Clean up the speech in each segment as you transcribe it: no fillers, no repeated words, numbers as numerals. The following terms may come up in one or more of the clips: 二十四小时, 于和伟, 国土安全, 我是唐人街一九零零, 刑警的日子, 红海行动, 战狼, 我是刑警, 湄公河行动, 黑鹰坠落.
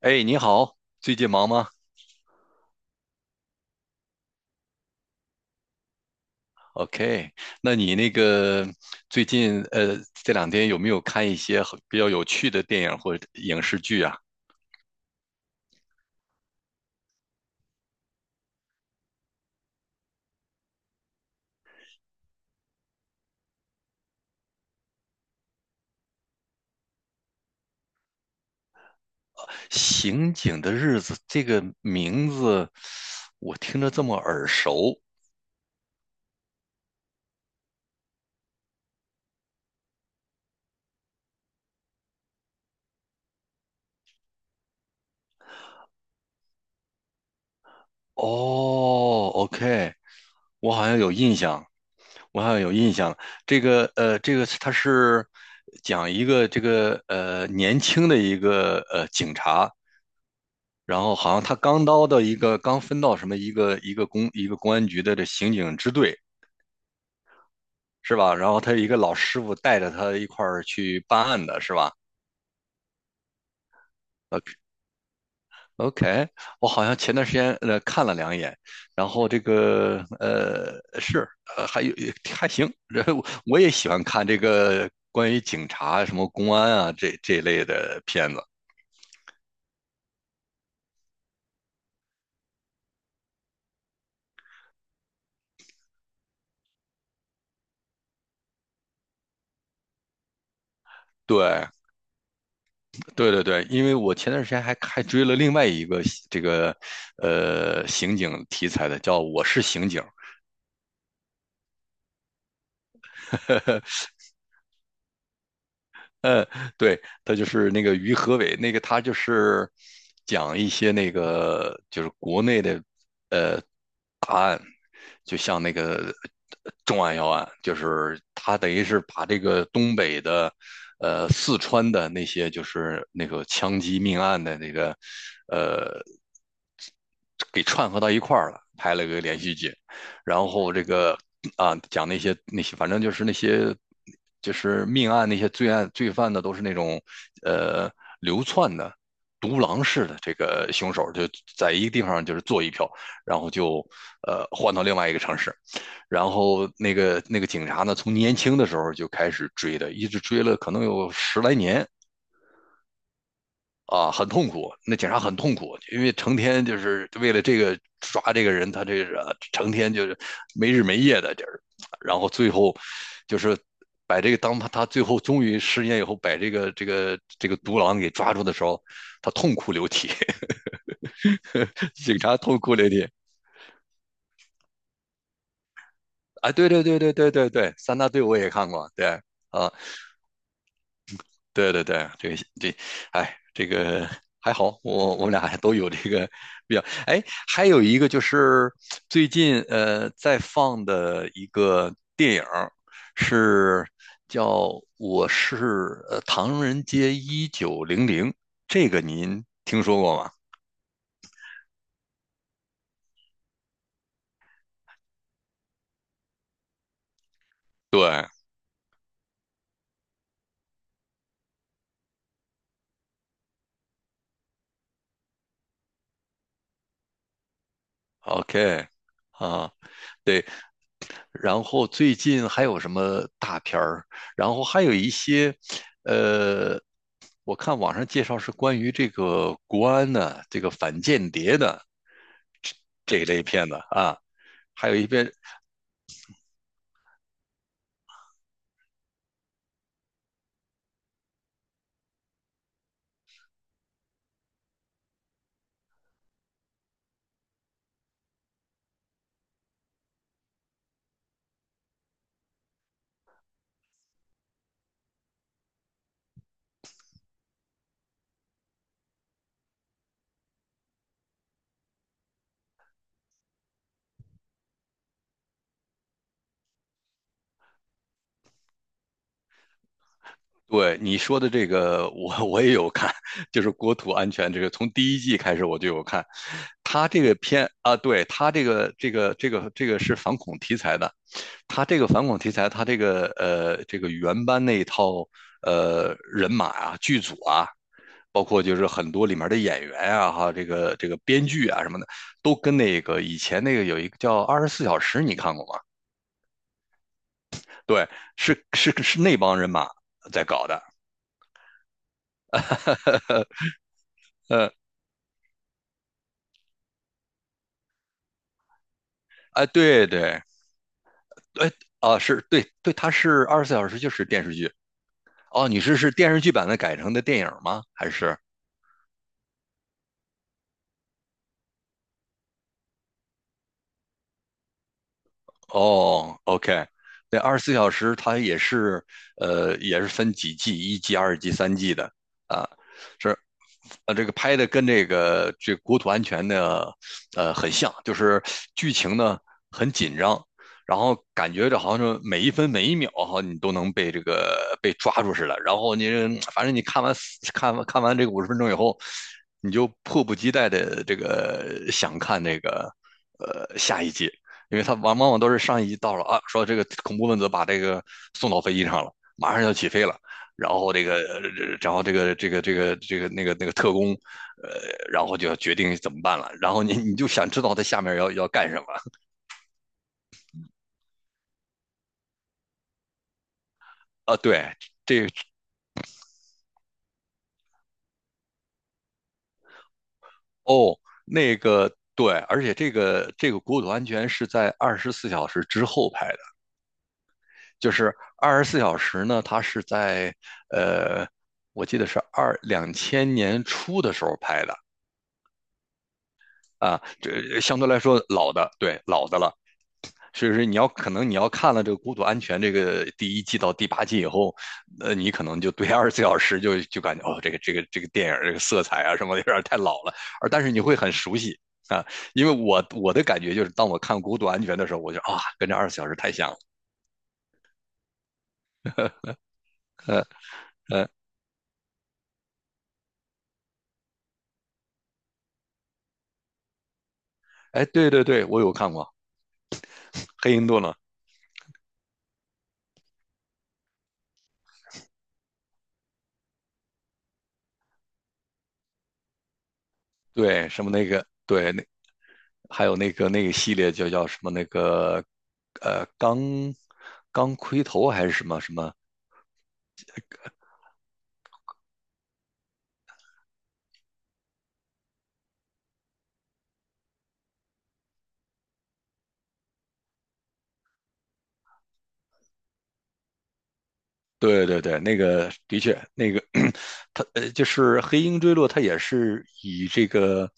哎，你好，最近忙吗？OK，那你最近这两天有没有看一些很比较有趣的电影或者影视剧啊？《刑警的日子》这个名字我听着这么耳熟。哦，OK，我好像有印象，我好像有印象。它是讲一个年轻的一个警察。然后好像他刚分到什么一个公安局的这刑警支队是吧？然后他一个老师傅带着他一块儿去办案的是吧？OK，我好像前段时间看了两眼，然后呃还有还行。然后我也喜欢看这个关于警察什么公安啊这一类的片子，对。对对对，因为我前段时间还追了另外一个这个刑警题材的，叫《我是刑警》。呃，对，他就是那个于和伟，那个他就是讲一些那个就是国内的，就像那个重案要案，就是他等于是把这个东北的，四川的那些就是那个枪击命案的那个，呃，给串合到一块儿了，拍了个连续剧，然后这个啊讲那些反正就是那些就是命案那些罪案罪犯呢，都是那种呃流窜的。独狼式的这个凶手就在一个地方就是做一票，然后就换到另外一个城市，然后那个警察呢，从年轻的时候就开始追的，一直追了可能有十来年。啊，很痛苦，那警察很痛苦，因为成天就是为了这个抓这个人，他这个成天就是没日没夜的，就是，然后最后就是把这个当他最后终于失业以后，把这个独狼给抓住的时候，他痛哭流涕，警察痛哭流涕。啊，对对对对对对对，三大队我也看过，对。啊，对对对，这个这，哎，这个还好，我们俩还都有这个比较。哎，还有一个就是最近在放的一个电影儿是叫《我是唐人街1900》，这个您听说过吗？对，OK。啊，对，然后最近还有什么大片儿？然后还有一些，呃，我看网上介绍是关于这个国安的、这个反间谍的这这一类片子啊，还有一边对你说的这个我也有看。就是国土安全这个，从第一季开始我就有看。他这个片啊，对他这个是反恐题材的。他这个反恐题材，他这个这个原班那一套人马啊剧组啊，包括就是很多里面的演员啊，哈，这个编剧啊什么的，都跟那个以前那个有一个叫《二十四小时》，你看过吗？对，是是是那帮人马在搞的。呃呃，哎，对对。哎是对对，它是《二十四小时》就是电视剧。哦，你是电视剧版的改成的电影吗？还是？哦，OK。那《二十四小时》它也是，也是分几季，一季、二季、三季的啊。是这个拍的跟这个国土安全的很像，就是剧情呢很紧张，然后感觉这好像是每一分每一秒哈，你都能被这个被抓住似的。然后反正你看完这个50分钟以后，你就迫不及待的这个想看那个下一集，因为它往往都是上一集到了啊，说这个恐怖分子把这个送到飞机上了，马上要起飞了。然后这个，然后这个那个特工，呃，然后就要决定怎么办了。然后你就想知道他下面要干什么啊？对。这哦那个对，而且这个国土安全是在二十四小时之后拍的，就是二十四小时呢，它是在呃，我记得是2000年初的时候拍的。啊，这相对来说老的，对，老的了。所以说你可能看了这个《孤独安全》这个第一季到第八季以后，你可能就对二十四小时就感觉哦，这个电影这个色彩啊什么的有点太老了，而但是你会很熟悉。啊，因为我的感觉就是当我看《孤独安全》的时候，我就啊跟这二十四小时太像了。嗯嗯，哎对对对，我有看过黑鹰顿了。对什么那个对那还有那个系列就叫什么那个呃钢钢盔头还是什么什么。对对对，那个的确，那个 他就是黑鹰坠落，他也是以这个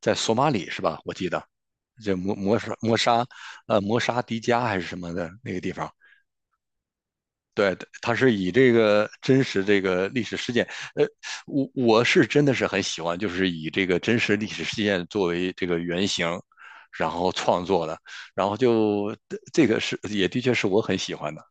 在索马里是吧？我记得这摩沙迪加还是什么的那个地方。对，他是以这个真实这个历史事件，呃，我是真的是很喜欢，就是以这个真实历史事件作为这个原型，然后创作的，然后就这个是也的确是我很喜欢的。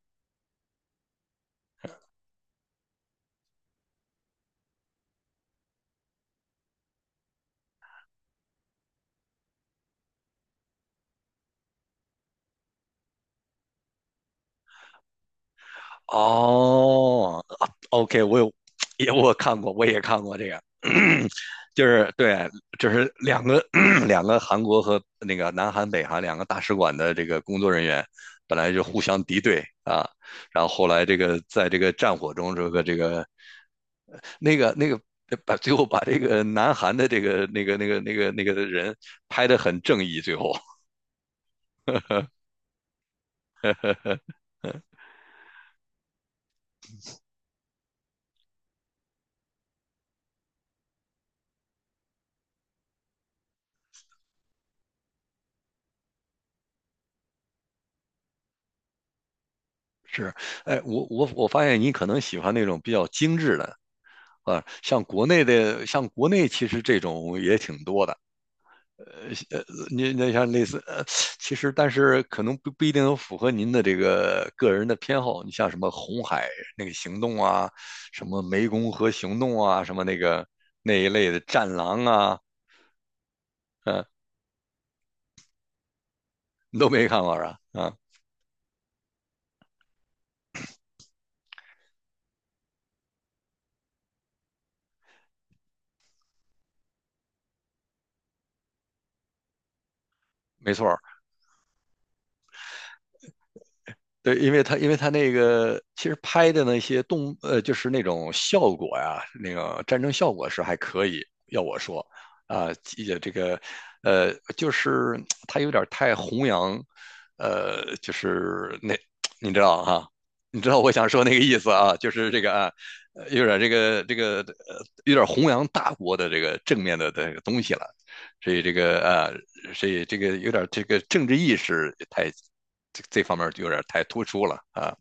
哦啊，OK，我有 我看过，我也看过这个，就是对，就是两个 两个韩国和那个南韩、北韩两个大使馆的这个工作人员，本来就互相敌对啊，然后后来这个在这个战火中，这个那个把最后把这个南韩的这个的人拍得很正义，最后。 是。哎，我发现你可能喜欢那种比较精致的。啊，像国内的，像国内其实这种也挺多的。呃，呃您那像类似，其实但是可能不一定能符合您的这个个人的偏好。你像什么红海那个行动啊，什么湄公河行动啊，什么那个那一类的战狼啊。嗯、你都没看过是吧？啊，没错。对，因为他那个其实拍的那些就是那种效果呀，那个战争效果是还可以。要我说，啊、也这个，就是他有点太弘扬，就是那 你知道哈、你知道我想说那个意思啊，就是这个啊，有点有点弘扬大国的这个正面的这个东西了，所以这个啊，所以这个有点这个政治意识太这方面就有点太突出了啊。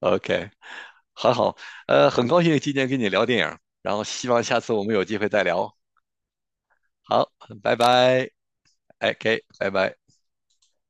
OK，很好，很高兴今天跟你聊电影，然后希望下次我们有机会再聊。好，拜拜，OK，拜拜。